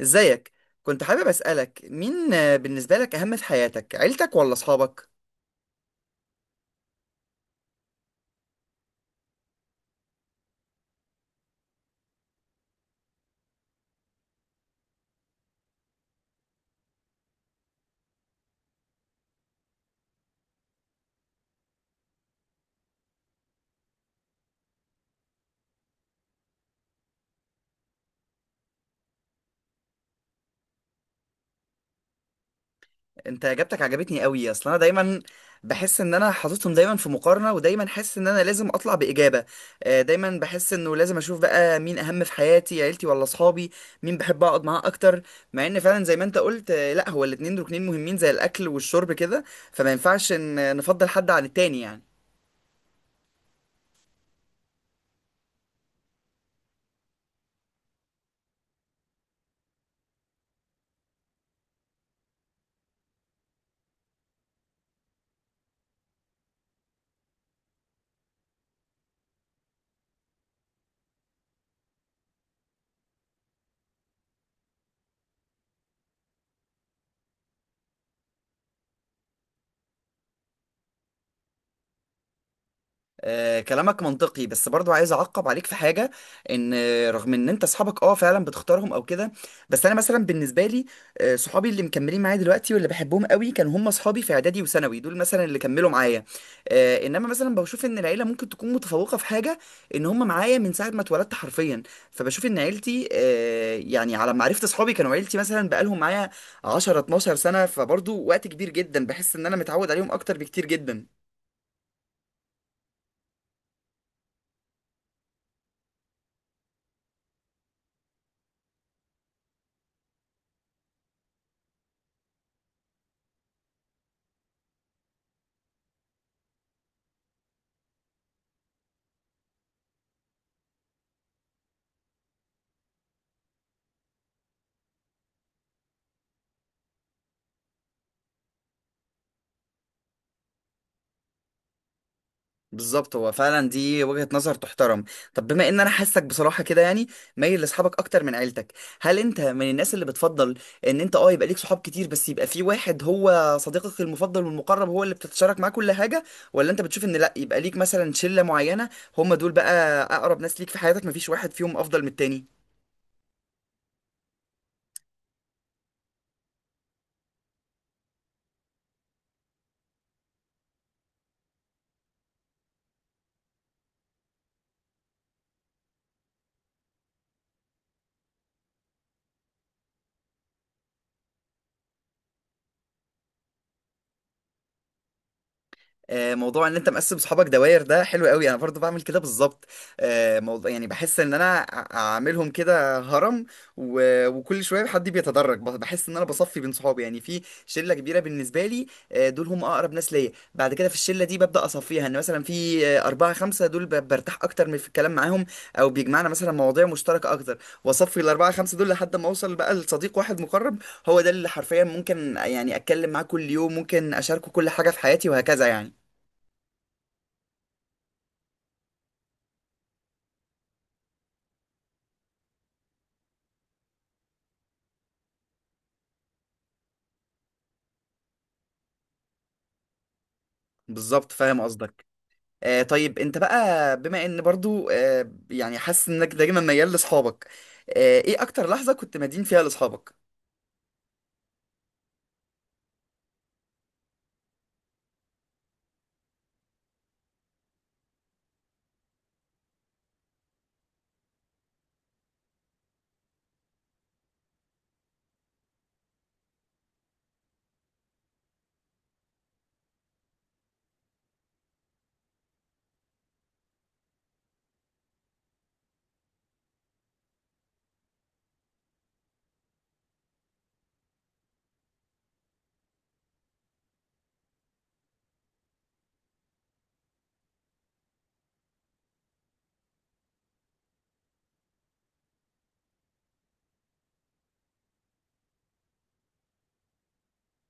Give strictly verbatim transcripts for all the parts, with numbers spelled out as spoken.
ازيك؟ كنت حابب اسالك، مين آه، بالنسبه لك اهم في حياتك، عيلتك ولا اصحابك؟ انت اجابتك عجبتني قوي. اصل انا دايما بحس ان انا حاططهم دايما في مقارنه، ودايما حاسس ان انا لازم اطلع باجابه. آه، دايما بحس انه لازم اشوف بقى مين اهم في حياتي، عيلتي ولا اصحابي؟ مين بحب اقعد معاه اكتر؟ مع ان فعلا زي ما انت قلت، آه، لا هو الاتنين ركنين مهمين زي الاكل والشرب كده. فما ينفعش ان آه، نفضل حد عن التاني يعني. آه، كلامك منطقي، بس برضو عايز اعقب عليك في حاجه. ان آه، رغم ان انت اصحابك اه فعلا بتختارهم او كده. بس انا مثلا بالنسبه لي، آه، صحابي اللي مكملين معايا دلوقتي واللي بحبهم قوي كانوا هم اصحابي في اعدادي وثانوي، دول مثلا اللي كملوا معايا. آه، انما مثلا بشوف ان العيله ممكن تكون متفوقه في حاجه، ان هم معايا من ساعه ما اتولدت حرفيا. فبشوف ان عيلتي، آه، يعني على ما عرفت اصحابي كانوا عيلتي مثلا بقالهم معايا عشرة اتناشر سنه. فبرضو وقت كبير جدا، بحس ان انا متعود عليهم اكتر بكتير جدا. بالظبط، هو فعلا دي وجهة نظر تحترم. طب بما ان انا حاسك بصراحة كده يعني مايل لاصحابك اكتر من عيلتك، هل انت من الناس اللي بتفضل ان انت اه يبقى ليك صحاب كتير بس يبقى في واحد هو صديقك المفضل والمقرب، هو اللي بتتشارك معاه كل حاجة؟ ولا انت بتشوف ان لا، يبقى ليك مثلا شلة معينة، هم دول بقى اقرب ناس ليك في حياتك، مفيش واحد فيهم افضل من التاني؟ آه، موضوع ان انت مقسم صحابك دوائر ده حلو قوي، انا برضو بعمل كده بالظبط. آه، موضوع يعني بحس ان انا ع- عاملهم كده هرم، و- وكل شويه حد بيتدرج، بح- بحس ان انا بصفي بين صحابي، يعني في شله كبيره بالنسبه لي. آه، دول هم اقرب ناس ليا. بعد كده في الشله دي ببدا اصفيها، ان مثلا في آه، اربعه خمسه دول ب- برتاح اكتر من في الكلام معاهم، او بيجمعنا مثلا مواضيع مشتركه اكتر. واصفي الاربعه خمسه دول لحد ما اوصل بقى لصديق واحد مقرب، هو ده اللي حرفيا ممكن يعني اتكلم معاه كل يوم، ممكن اشاركه كل حاجه في حياتي وهكذا يعني. بالظبط، فاهم قصدك. آه طيب، انت بقى بما ان برضو آه يعني حاسس انك دايما ميال لاصحابك، آه ايه اكتر لحظة كنت مدين فيها لاصحابك؟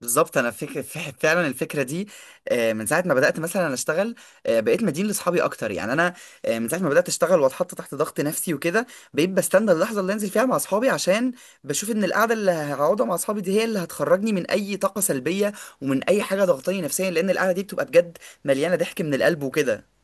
بالظبط، انا فكر ف- فعلا الفكره دي. آه، من ساعه ما بدات مثلا اشتغل، آه، بقيت مدين لاصحابي اكتر يعني انا. آه، من ساعه ما بدات اشتغل واتحط تحت ضغط نفسي وكده، بقيت بستنى اللحظه اللي انزل فيها مع اصحابي عشان بشوف ان القعده اللي هقعدها مع اصحابي دي هي اللي هتخرجني من اي طاقه سلبيه، ومن اي حاجه ضغطاني نفسيا، لان القعده دي بتبقى بجد مليانه ضحك من القلب وكده.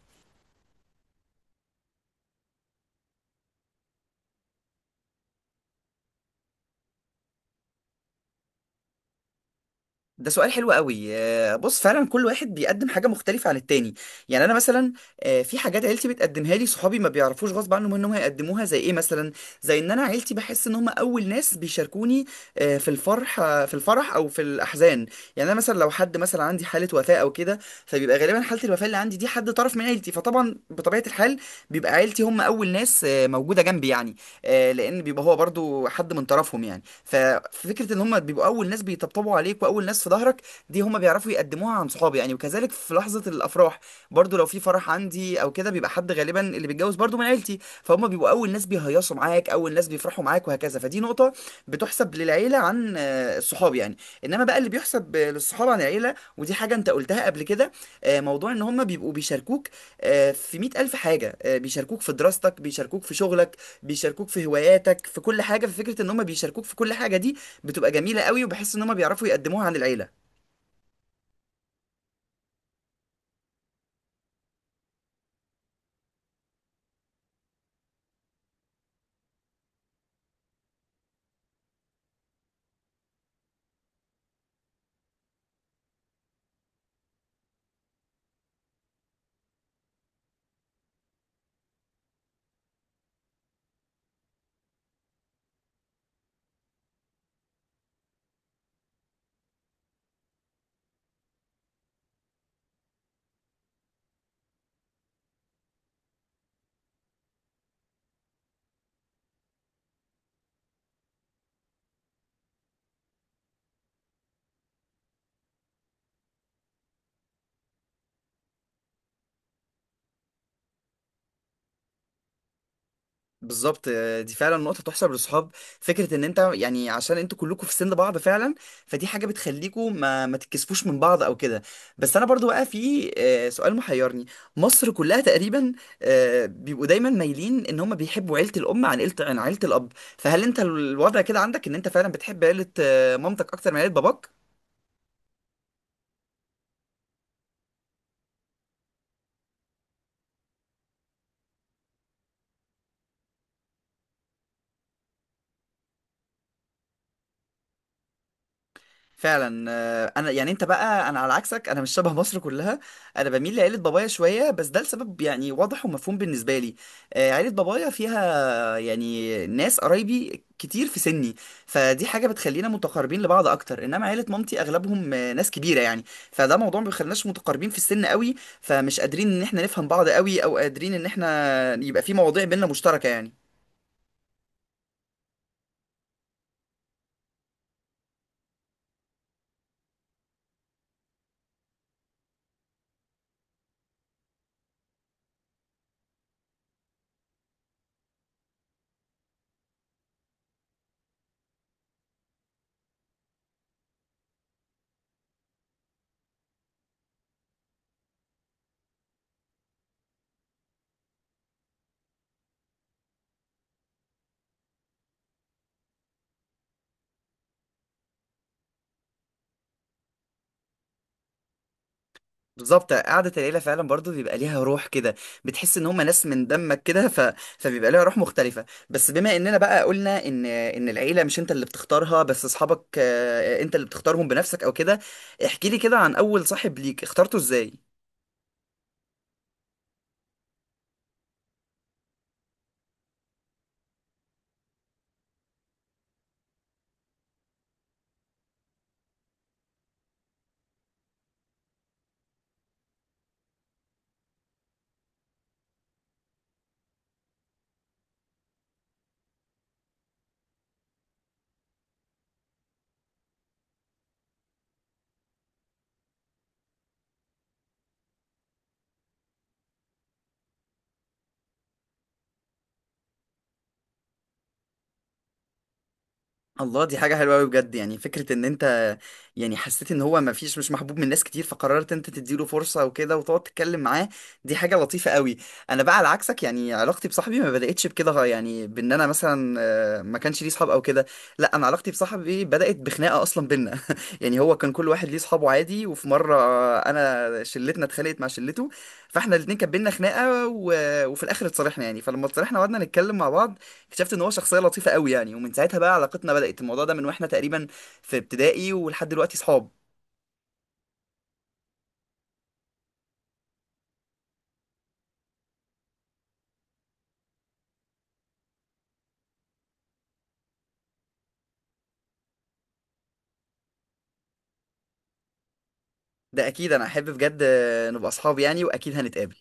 ده سؤال حلو قوي. آه، بص فعلا كل واحد بيقدم حاجة مختلفة عن التاني. يعني أنا مثلا، آه، في حاجات عيلتي بتقدمها لي صحابي ما بيعرفوش غصب عنهم إنهم هيقدموها، زي إيه مثلا؟ زي إن أنا عيلتي بحس إن هم أول ناس بيشاركوني آه، في الفرح آه، في الفرح أو في الأحزان. يعني أنا مثلا لو حد مثلا عندي حالة وفاة أو كده، فبيبقى غالبا حالة الوفاة اللي عندي دي حد طرف من عيلتي، فطبعا بطبيعة الحال بيبقى عيلتي هم أول ناس آه، موجودة جنبي يعني. آه، لأن بيبقى هو برضو حد من طرفهم يعني. ففكره ان هم بيبقوا اول ناس بيطبطبوا عليك، واول ناس في ظهرك، دي هم بيعرفوا يقدموها عن صحابي يعني. وكذلك في لحظه الافراح، برضو لو في فرح عندي او كده بيبقى حد غالبا اللي بيتجوز برضو من عيلتي، فهم بيبقوا اول ناس بيهيصوا معاك، اول ناس بيفرحوا معاك وهكذا. فدي نقطه بتحسب للعيله عن آه، الصحاب يعني. انما بقى اللي بيحسب آه، للصحاب عن العيله، ودي حاجه انت قلتها قبل كده. آه، موضوع ان هم بيبقوا بيشاركوك آه، في مئة ألف حاجة، آه، بيشاركوك في دراستك، بيشاركوك في شغلك، بيشاركوك في هواياتك، في كل حاجه. ففكره ان هم بيشاركوك في كل حاجه دي بتبقى جميله قوي، وبحس ان هم بيعرفوا يقدموها عن العيله. بالظبط، آه، دي فعلا نقطه تحسب للصحاب. فكره ان انت يعني عشان انتوا كلكم في سن بعض فعلا، فدي حاجه بتخليكم ما ما تتكسفوش من بعض او كده. بس انا برضو بقى في آه، سؤال محيرني. مصر كلها تقريبا آه، بيبقوا دايما مايلين ان هم بيحبوا عيله الام عن عيله عن عيله الاب. فهل انت الوضع كده عندك ان انت فعلا بتحب عيله آه، مامتك اكتر من عيله باباك؟ فعلا. آه، انا يعني انت بقى انا على عكسك، انا مش شبه مصر كلها. انا بميل لعيله بابايا شويه، بس ده لسبب يعني واضح ومفهوم بالنسبه لي. آه، عيله بابايا فيها يعني ناس قرايبي كتير في سني، فدي حاجه بتخلينا متقاربين لبعض اكتر. انما عيله مامتي اغلبهم آه، ناس كبيره يعني، فده موضوع ما بيخليناش متقاربين في السن قوي، فمش قادرين ان احنا نفهم بعض قوي، او قادرين ان احنا يبقى في مواضيع بينا مشتركه يعني. بالظبط، قعدة العيلة فعلا برضو بيبقى ليها روح كده، بتحس ان هم ناس من دمك كده. ف... فبيبقى ليها روح مختلفة. بس بما اننا بقى قلنا ان ان العيلة مش انت اللي بتختارها، بس اصحابك آه، انت اللي بتختارهم بنفسك او كده، احكي لي كده عن اول صاحب ليك اخترته ازاي. الله، دي حاجة حلوة أوي بجد. يعني فكرة إن أنت يعني حسيت إن هو مفيش مش محبوب من ناس كتير، فقررت أنت تديله فرصة وكده وتقعد تتكلم معاه. دي حاجة لطيفة أوي. أنا بقى على عكسك، يعني علاقتي بصاحبي ما بدأتش بكده، يعني بإن أنا مثلا آه، ما كانش ليه صحاب أو كده. لا، أنا علاقتي بصاحبي بدأت بخناقة أصلا بينا يعني هو كان كل واحد ليه صحابه عادي، وفي مرة أنا شلتنا اتخانقت مع شلته، فإحنا الاتنين كان بينا خناقة. و... وفي الآخر اتصالحنا يعني. فلما اتصالحنا وقعدنا نتكلم مع بعض اكتشفت ان هو شخصيه لطيفه قوي يعني، ومن ساعتها بقى علاقتنا بدات الموضوع ده من واحنا تقريبا في ابتدائي، ولحد دلوقتي صحاب. ده اكيد، انا احب بجد آه، نبقى اصحاب يعني، واكيد هنتقابل.